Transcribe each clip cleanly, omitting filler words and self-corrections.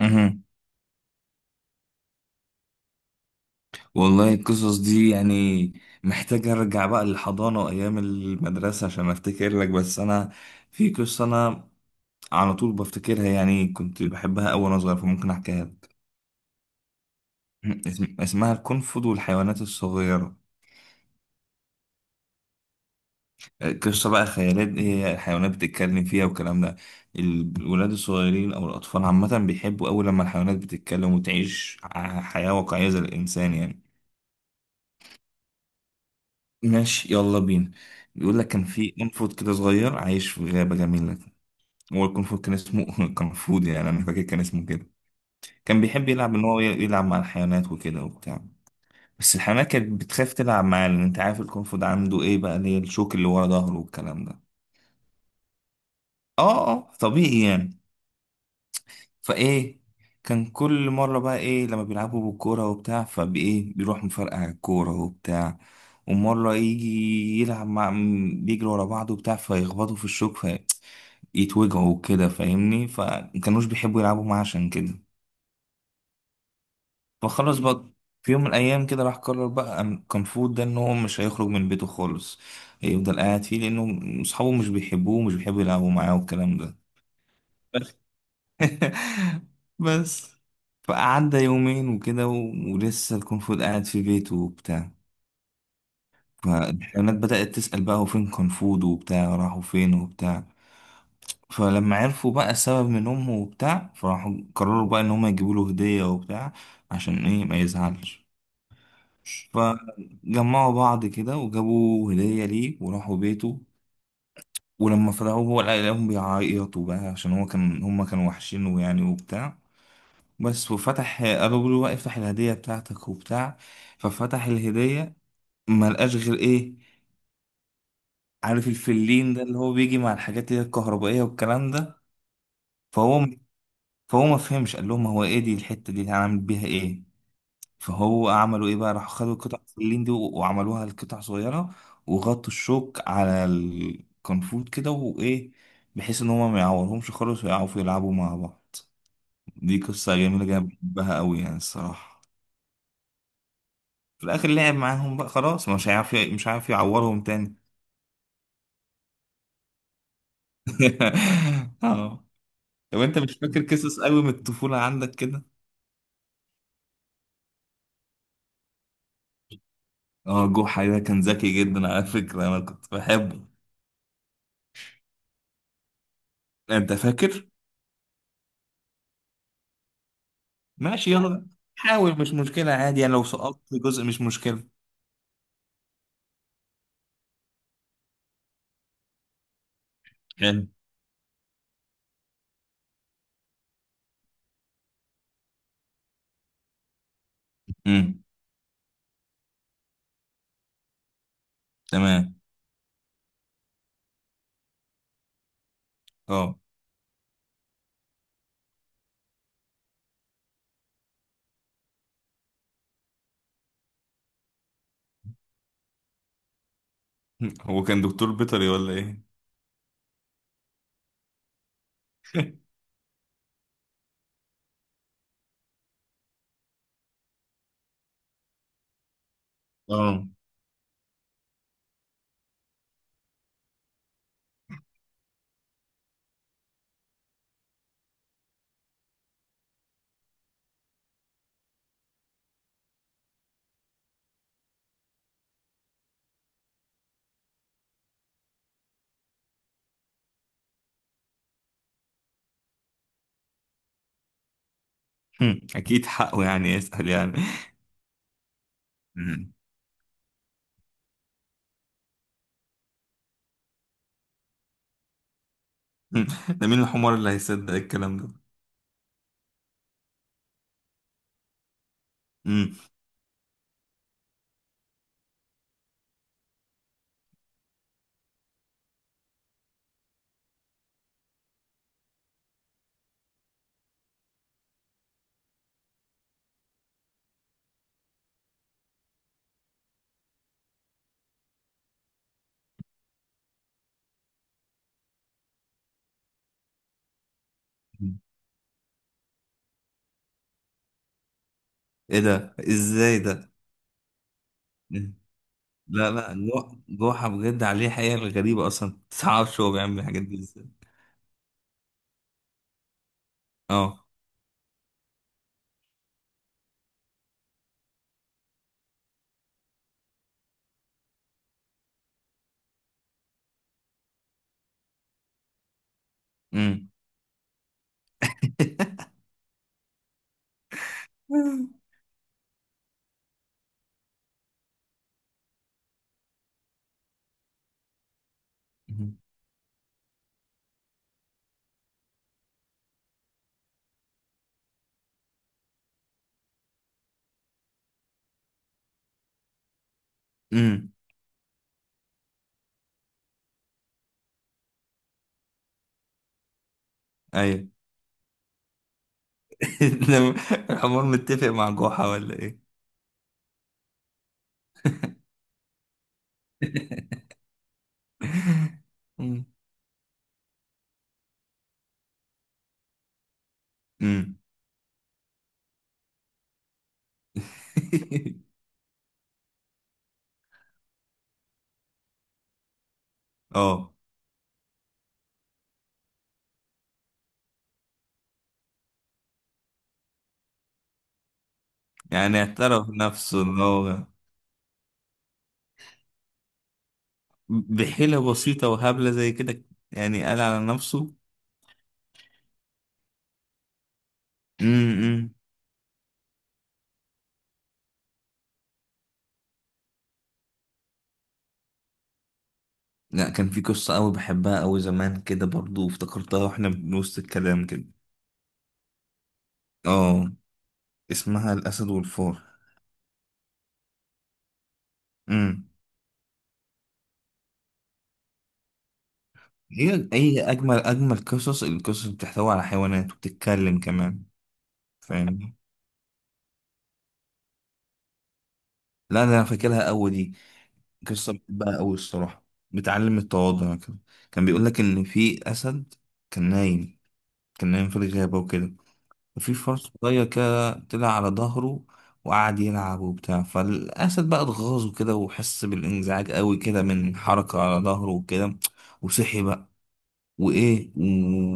مهم. والله القصص دي يعني محتاج ارجع بقى للحضانة وايام المدرسة عشان افتكر لك. بس انا في قصة انا على طول بفتكرها يعني، كنت بحبها أوي وانا صغير، فممكن احكيها لك. اسمها القنفذ والحيوانات الصغيرة. قصة بقى خيالات، هي الحيوانات بتتكلم فيها والكلام ده. الولاد الصغيرين او الاطفال عامة بيحبوا أوي لما الحيوانات بتتكلم وتعيش حياة واقعية زي الانسان يعني. ماشي، يلا بينا. بيقول لك كان في قنفذ كده صغير عايش في غابة جميلة. هو القنفذ كان اسمه قنفود، يعني أنا فاكر كان اسمه كده. كان بيحب يلعب إن هو يلعب مع الحيوانات وكده وبتاع. بس الحيوانات كانت بتخاف تلعب معاه، لأن أنت عارف القنفذ عنده إيه بقى، اللي هي الشوك اللي ورا ظهره والكلام ده. آه آه، طبيعي يعني. فايه، كان كل مرة بقى ايه، لما بيلعبوا بالكورة وبتاع فبايه بيروح مفرقع على الكورة وبتاع. ومرة يجي يلعب مع بيجري ورا بعض وبتاع فيخبطوا في الشوك، فيتوجعوا وكده فاهمني، فمكانوش بيحبوا يلعبوا معاه عشان كده. فخلاص بقى، في يوم من الأيام كده راح قرر بقى كان فود ده إن هو مش هيخرج من بيته خالص. هيفضل قاعد فيه لأنه أصحابه مش بيحبوه ومش بيحبوا يلعبوا معاه والكلام ده. بس فقعدنا يومين وكده ولسه الكونغ فود قاعد في بيته وبتاع. فالحيوانات بدأت تسأل بقى هو فين كونغ فود وبتاع، راحوا فين وبتاع. فلما عرفوا بقى السبب من أمه وبتاع، فراحوا قرروا بقى إن هما يجيبوا له هدية وبتاع، عشان إيه ما يزعلش. فجمعوا بعض كده وجابوا هدية ليه وراحوا بيته. ولما فتحوه هو لقاهم بيعيطوا بقى، عشان هو كان هما كانوا وحشينه يعني وبتاع. بس وفتح ابو بيقول له بقى افتح الهديه بتاعتك وبتاع. ففتح الهديه، ما لقاش غير ايه، عارف الفلين ده اللي هو بيجي مع الحاجات اللي هي الكهربائيه والكلام ده. فهو فهو ما فهمش، قال لهم هو ايه دي الحته دي اللي هنعمل بيها ايه. فهو عملوا ايه بقى، راحوا خدوا قطع الفلين دي وعملوها لقطع صغيره. وغطوا الشوك على الكنفوت كده وايه، بحيث ان هما ما يعورهمش خالص ويعرفوا يلعبوا مع بعض. دي قصه جميله جدا بحبها قوي يعني الصراحه. في الاخر لعب معاهم بقى خلاص، مش هيعرف يعورهم تاني. اه. طب انت مش فاكر قصص قوي من الطفولة عندك كده؟ اه، جحا ده كان ذكي جدا على فكرة، انا كنت بحبه. انت فاكر؟ ماشي يلا. حاول، مش مشكلة عادي يعني، لو سقطت جزء مش مشكلة. حلو. امم. تمام. اه. هو كان دكتور بيطري ولا ايه؟ اه. هم، اكيد حقه يعني يسأل يعني. هم. هم. ده مين الحمار اللي هيصدق الكلام ده؟ هم. ايه ده، ازاي ده؟ لا لا، جوحة بجد عليه حقيقة غريبة، اصلا متعرفش هو بيعمل الحاجات دي ازاي. اه. امم. امم. ايوه. لما الحمار متفق مع جوحة ولا ايه؟ امم. أمم. اه. يعني اعترف نفسه ان هو، بحيلة بسيطة وهبلة زي كده، يعني قال على نفسه. امم. لا كان في قصة أوي بحبها أوي زمان كده برضو، افتكرتها واحنا بنوسط الكلام كده. اه. اسمها الأسد والفار. امم. هي هي أجمل أجمل قصص، القصص اللي بتحتوي على حيوانات وبتتكلم كمان، فاهمني. لا ده أنا فاكرها أوي دي، قصة بحبها أوي الصراحة. بتعلم التواضع كده. كان بيقول لك إن في أسد كان نايم، كان نايم في الغابة وكده. في فرس صغير كده طلع على ظهره وقعد يلعب وبتاع. فالأسد بقى اتغاظه كده وحس بالانزعاج قوي كده من حركة على ظهره وكده. وصحي بقى وإيه،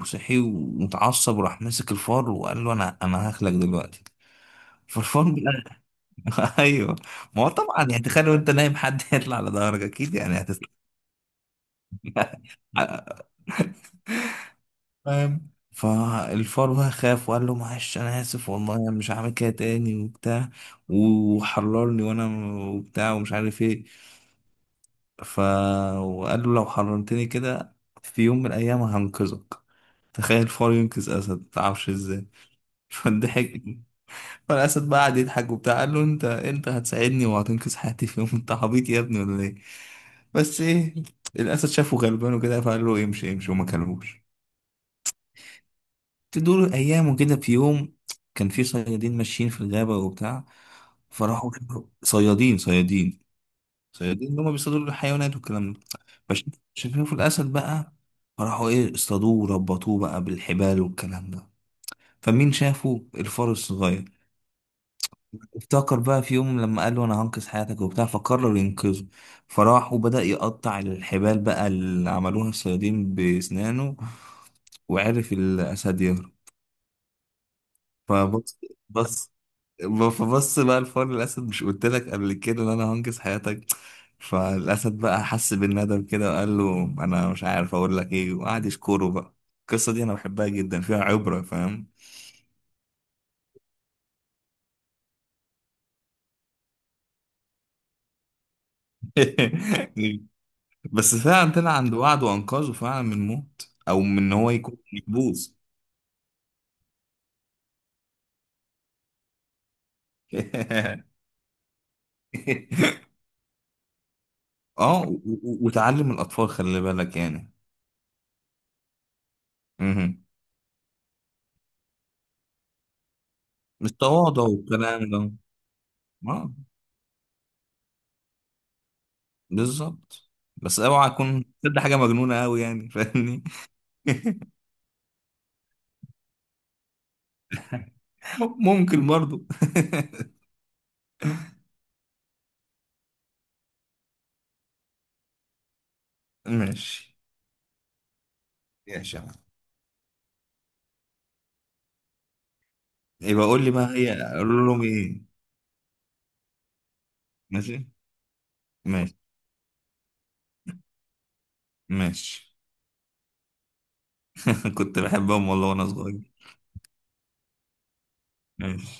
وصحي ومتعصب وراح ماسك الفار وقال له أنا هاكلك دلوقتي. فالفار بقى أيوه. ما هو طبعا يعني تخيل وأنت نايم حد يطلع على ظهرك أكيد يعني هتستنى. فاهم. فالفار بقى خاف وقال له معلش انا اسف والله، انا مش هعمل كده تاني وبتاع، وحررني وانا وبتاع ومش عارف ايه. ف وقال له لو حررتني كده في يوم من الايام هنقذك. تخيل فار ينقذ اسد، متعرفش ازاي. فضحك. فالاسد بقى قعد يضحك وبتاع، قال له انت هتساعدني وهتنقذ حياتي في يوم؟ انت عبيط يا ابني ولا ايه؟ بس ايه، الاسد شافه غلبان وكده فقال له امشي امشي وما كلموش. تدور ايام وكده، في يوم كان في صيادين ماشيين في الغابه وبتاع. فراحوا، صيادين صيادين صيادين اللي هم بيصطادوا الحيوانات والكلام ده. فش- شافوا الاسد بقى، فراحوا ايه اصطادوه وربطوه بقى بالحبال والكلام ده. فمين شافه؟ الفار الصغير. افتكر بقى في يوم لما قال له انا هنقذ حياتك وبتاع، فقرر ينقذه. فراح وبدأ يقطع الحبال بقى اللي عملوها الصيادين بأسنانه، وعرف الأسد يهرب. فبص بص فبص بقى الفار الاسد، مش قلت لك قبل كده ان انا هنقذ حياتك؟ فالاسد بقى حس بالندم كده وقال له انا مش عارف اقول لك ايه، وقعد يشكره بقى. القصه دي انا بحبها جدا، فيها عبره فاهم. بس فعلا طلع عند وعد وانقذه فعلا من موت او من ان هو يكون محبوس. اه وتعلم الاطفال، خلي بالك يعني. مهم. مش تواضع والكلام ده؟ آه. بالظبط. بس اوعى اكون تصدق حاجه مجنونه قوي يعني فاهمني. ممكن برضو. ماشي. ماشي يا عم. يبقى قول لي بقى هي قول لهم ايه. ماشي. ماشي. ماشي. كنت بحبهم والله وانا صغير. ماشي.